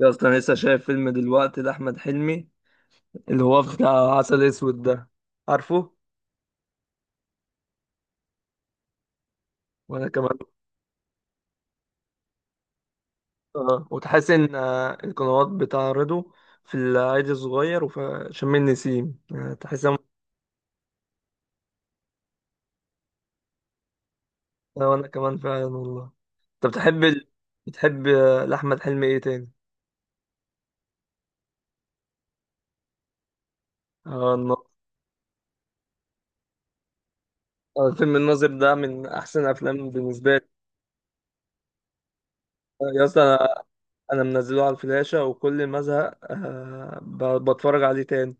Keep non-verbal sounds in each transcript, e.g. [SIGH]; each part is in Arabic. يا اسطى انا لسه شايف فيلم دلوقتي لاحمد حلمي اللي هو بتاع عسل اسود ده، عارفه؟ وانا كمان. اه، وتحس ان القنوات بتعرضه في العيد الصغير وفي شم النسيم، تحس إن- وانا كمان فعلا والله. انت بتحب بتحب لاحمد حلمي ايه تاني؟ اه الن- فيلم الناظر ده من احسن افلام بالنسبه لي. يا اسطى انا منزله على الفلاشه وكل ما ازهق بتفرج عليه تاني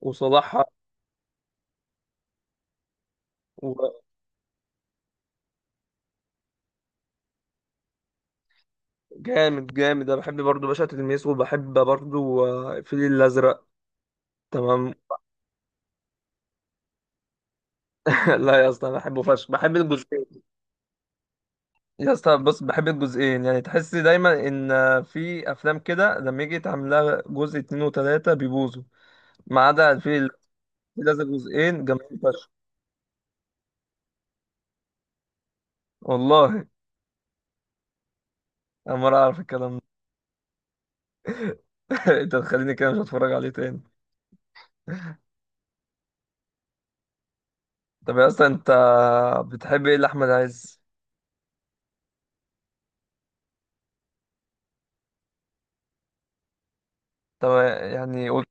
وصلاح. جامد جامد، انا بحب برضو باشا تلميذ وبحب برضو الفيل الازرق. تمام. [LAUGHS] لا يا اسطى انا بحبه فشخ، بحب الجزئين. يا اسطى بص، بحب الجزئين يعني. تحس دايما ان في افلام كده لما يجي يتعمل لها جزء اتنين وتلاته بيبوظوا، ما عدا الفيل الازرق، جزئين جامدين فشخ. والله انا ما اعرف الكلام ده. [LAUGHS] انت تخليني كده مش هتفرج عليه تاني. طب يا اسطى انت بتحب ايه لاحمد عز؟ طب يعني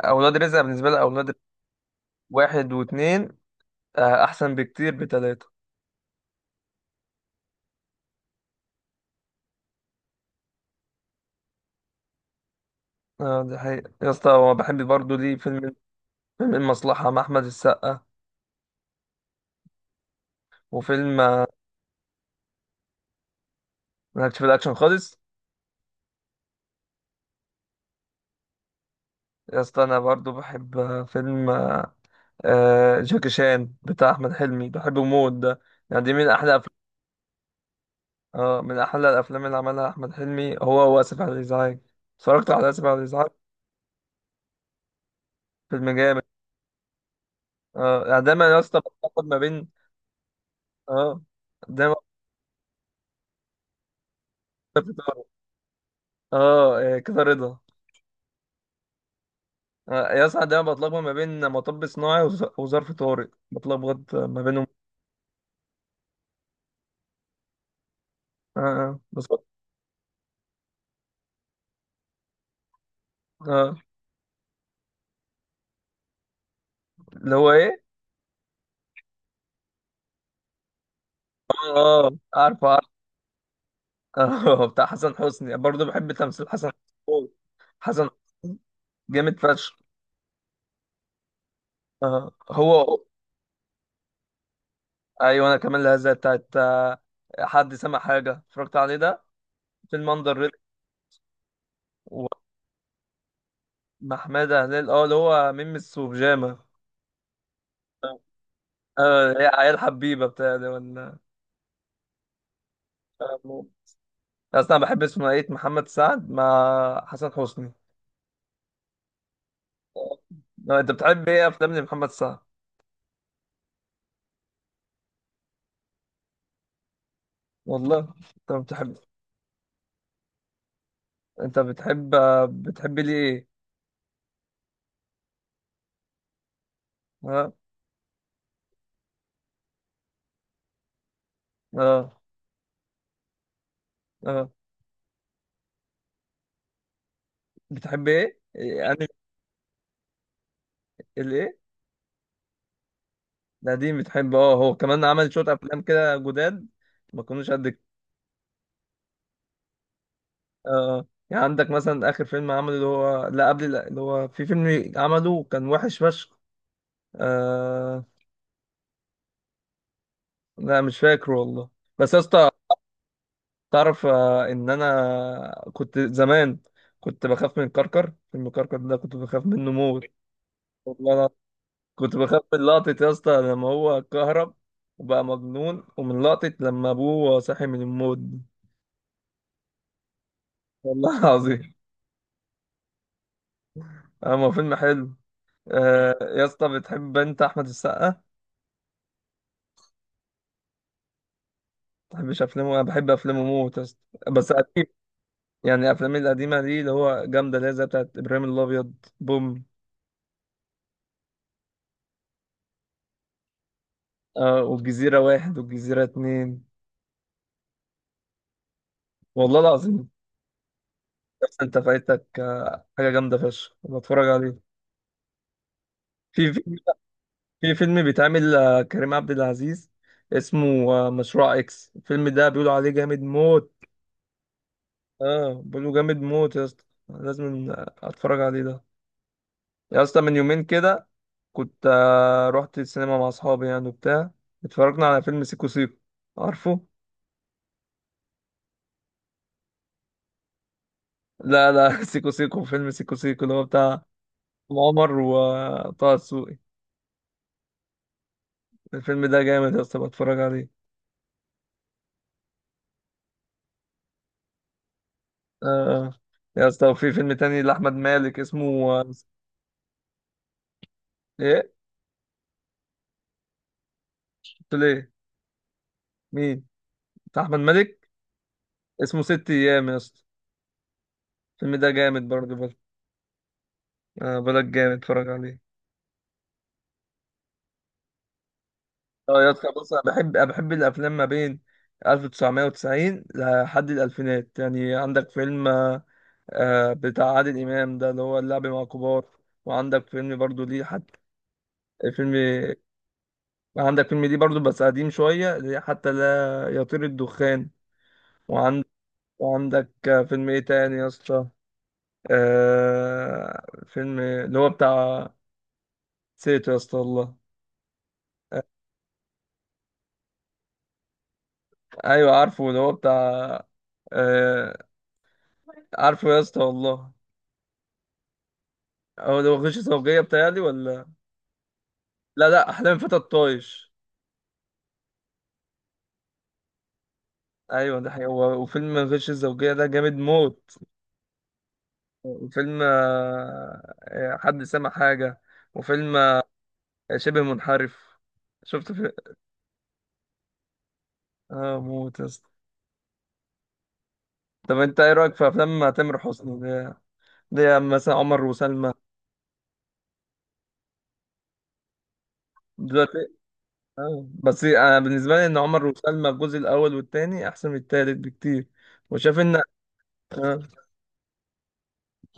اولاد رزق بالنسبه لي، اولاد رزق واحد واثنين، احسن بكتير بتلاتة. اه دي حقيقة يا اسطى، هو بحب برضه ليه فيلم، فيلم المصلحة مع احمد السقا وفيلم مالكش في الاكشن خالص. يا اسطى انا برضه بحب آه، فيلم آه، آه، جاكي شان بتاع احمد حلمي، بحبه موت ده. يعني دي من احلى أفلام. اه، من احلى الافلام اللي عملها احمد حلمي هو واسف على الازعاج. اتفرجت على اسف على الازعاج. فيلم جامد. اه يعني دايما يا اسطى بتاخد ما بين. اه دايما بتاخد- اه كده رضا. يا اسطى ده بتلخبط ما بين مطب صناعي وظرف طارئ، بتلخبط ما بينهم. اه بالظبط. اه، اللي هو ايه؟ اه عارف، عارف. [LAUGHS] بتاع حسن حسني، برضه بحب تمثيل حسن حسني. حسن حسني جامد فشخ. اه هو. ايوه انا كمان، الهزه بتاعت حد سمع حاجه اتفرجت عليه ده، فيلم اندر ريد. ومحمد هلال، اه اللي هو ميمس وبيجامه. اه، هي عيال حبيبه بتاع ده، ولا اصلا بحب ثنائيه محمد سعد مع حسن حسني. لا، انت بتحب ايه افلام محمد سعد؟ والله انت بتحب، انت بتحب، بتحب ليه ايه؟ اه اه اه بتحب ايه إيه، انا الايه القديم بتحب. اه هو كمان عمل شويه افلام كده جداد، ما كانوش قد كده. اه يعني عندك مثلا اخر فيلم عمله اللي هو لا قبل لا، اللي هو في فيلم عمله كان وحش فشخ. آه، لا مش فاكره والله. بس يا اسطى تعرف ان انا كنت زمان، كنت بخاف من الكركر. فيلم الكركر ده كنت بخاف منه موت. والله أنا كنت بخاف من لقطة يا اسطى لما هو اتكهرب وبقى مجنون، ومن لقطة لما ابوه صحي من الموت دي. والله [LAUGHS] العظيم. هو فيلم حلو. يا اسطى بتحب انت احمد السقا ما بتحبش افلامه؟ انا بحب افلامه موت يا اسطى، بس قديم. يعني افلامه القديمة دي اللي هو جامدة، اللي هي زي بتاعت ابراهيم الابيض، بوم والجزيرة واحد والجزيرة اتنين. والله العظيم. بس انت فايتك حاجه جامده فشخ، بتفرج عليه في فيلم. في فيلم بيتعمل كريم عبد العزيز، اسمه مشروع اكس. الفيلم ده بيقولوا عليه جامد موت. اه بيقولوا جامد موت يا اسطى، لازم اتفرج عليه ده. يا اسطى من يومين كده كنت رحت السينما مع اصحابي يعني وبتاع، اتفرجنا على فيلم سيكو سيكو. عارفه؟ لا لا [LAUGHS] سيكو سيكو، فيلم سيكو سيكو اللي هو بتاع عمر وطه دسوقي. الفيلم ده جامد يا اسطى، بتفرج عليه. آه يا اسطى في فيلم تاني لأحمد مالك اسمه ايه؟ قلت له ايه؟ مين؟ بتاع أحمد مالك، اسمه ست أيام يا اسطى. الفيلم ده جامد برضه برضه. آه بلاك جامد، اتفرج عليه. اه يا اسطى بص، أنا بحب الأفلام ما بين 1990 لحد الألفينات. يعني عندك فيلم بتاع عادل إمام ده اللي هو اللعب مع الكبار، وعندك فيلم برضه ليه حتى، فيلم، عندك فيلم ليه برضه بس قديم شوية اللي هي حتى لا يطير الدخان، وعندك فيلم ايه تاني يا اسطى؟ آه فيلم اللي هو بتاع، نسيته يا اسطى والله. ايوه عارفه اللي هو بتاع، آه، عارفه يا اسطى والله. هو اللي هو غش زوجية بتاعي ولا؟ لا لا، احلام فتى الطايش. ايوه ده حقيقي، هو وفيلم غش الزوجية ده جامد موت، وفيلم حد سمع حاجة، وفيلم شبه منحرف. شفت في؟ اه موت يا اسطى. طب انت ايه رايك في افلام تامر حسني ده، ده مثلا عمر وسلمى دلوقتي؟ اه بس انا بالنسبه لي ان عمر وسلمى الجزء الاول والثاني احسن من الثالث بكتير، وشاف ان آه،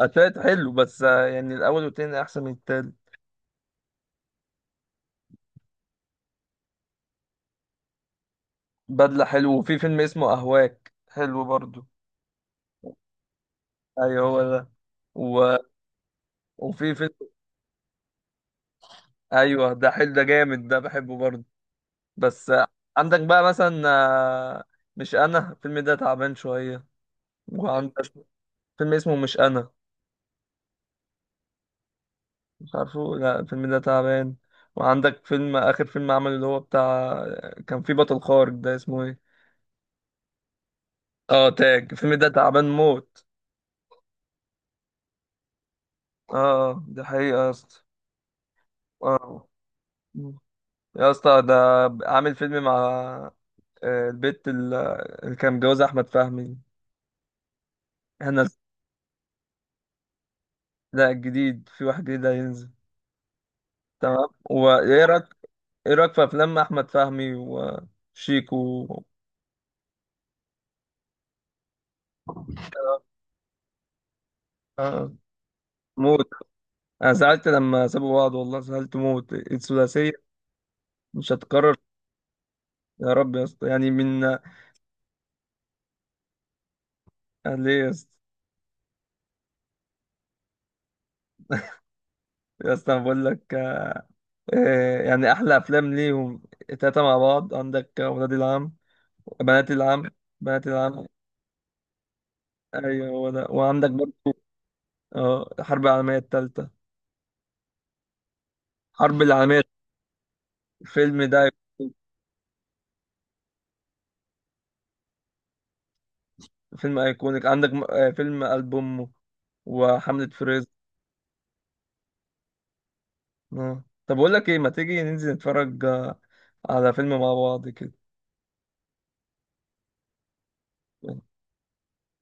الثالث حلو بس يعني الاول والثاني احسن من الثالث. بدله حلو، وفي فيلم اسمه اهواك حلو برضو. ايوه هو ده. و... وفي فيلم ايوه ده حلو، ده جامد، ده بحبه برضو. بس عندك بقى مثلا مش انا، الفيلم ده تعبان شويه. وعندك فيلم اسمه مش انا. مش عارفه، لا الفيلم ده تعبان. وعندك فيلم، آخر فيلم عمل اللي هو بتاع، كان فيه بطل خارق، ده اسمه ايه؟ اه تاج، الفيلم ده تعبان موت. اه دي حقيقة يا اسطى. اه يا اسطى ده عامل فيلم مع البت اللي كان متجوزها أحمد فهمي هنا. لا الجديد، في واحد جديد هينزل. تمام. وايه رأيك؟ ايه رأيك في أفلام أحمد فهمي وشيكو؟ آه، آه، موت. انا زعلت لما سابوا بعض والله، زعلت موت، الثلاثيه مش هتكرر. يا رب يا اسطى يعني من. أنا ليه يا اسطى؟ يا اسطى أنا بقول لك يعني احلى افلام ليهم التلاته مع بعض عندك ولاد العم، بنات العم، بنات العم. ايوه هو ده، وعندك برضه اه الحرب العالميه الثالثه، حرب العالميه، الفيلم ده فيلم ايكونيك. عندك فيلم قلب امه وحمله فريز. اه طب اقول لك ايه، ما تيجي ننزل نتفرج على فيلم مع بعض كده.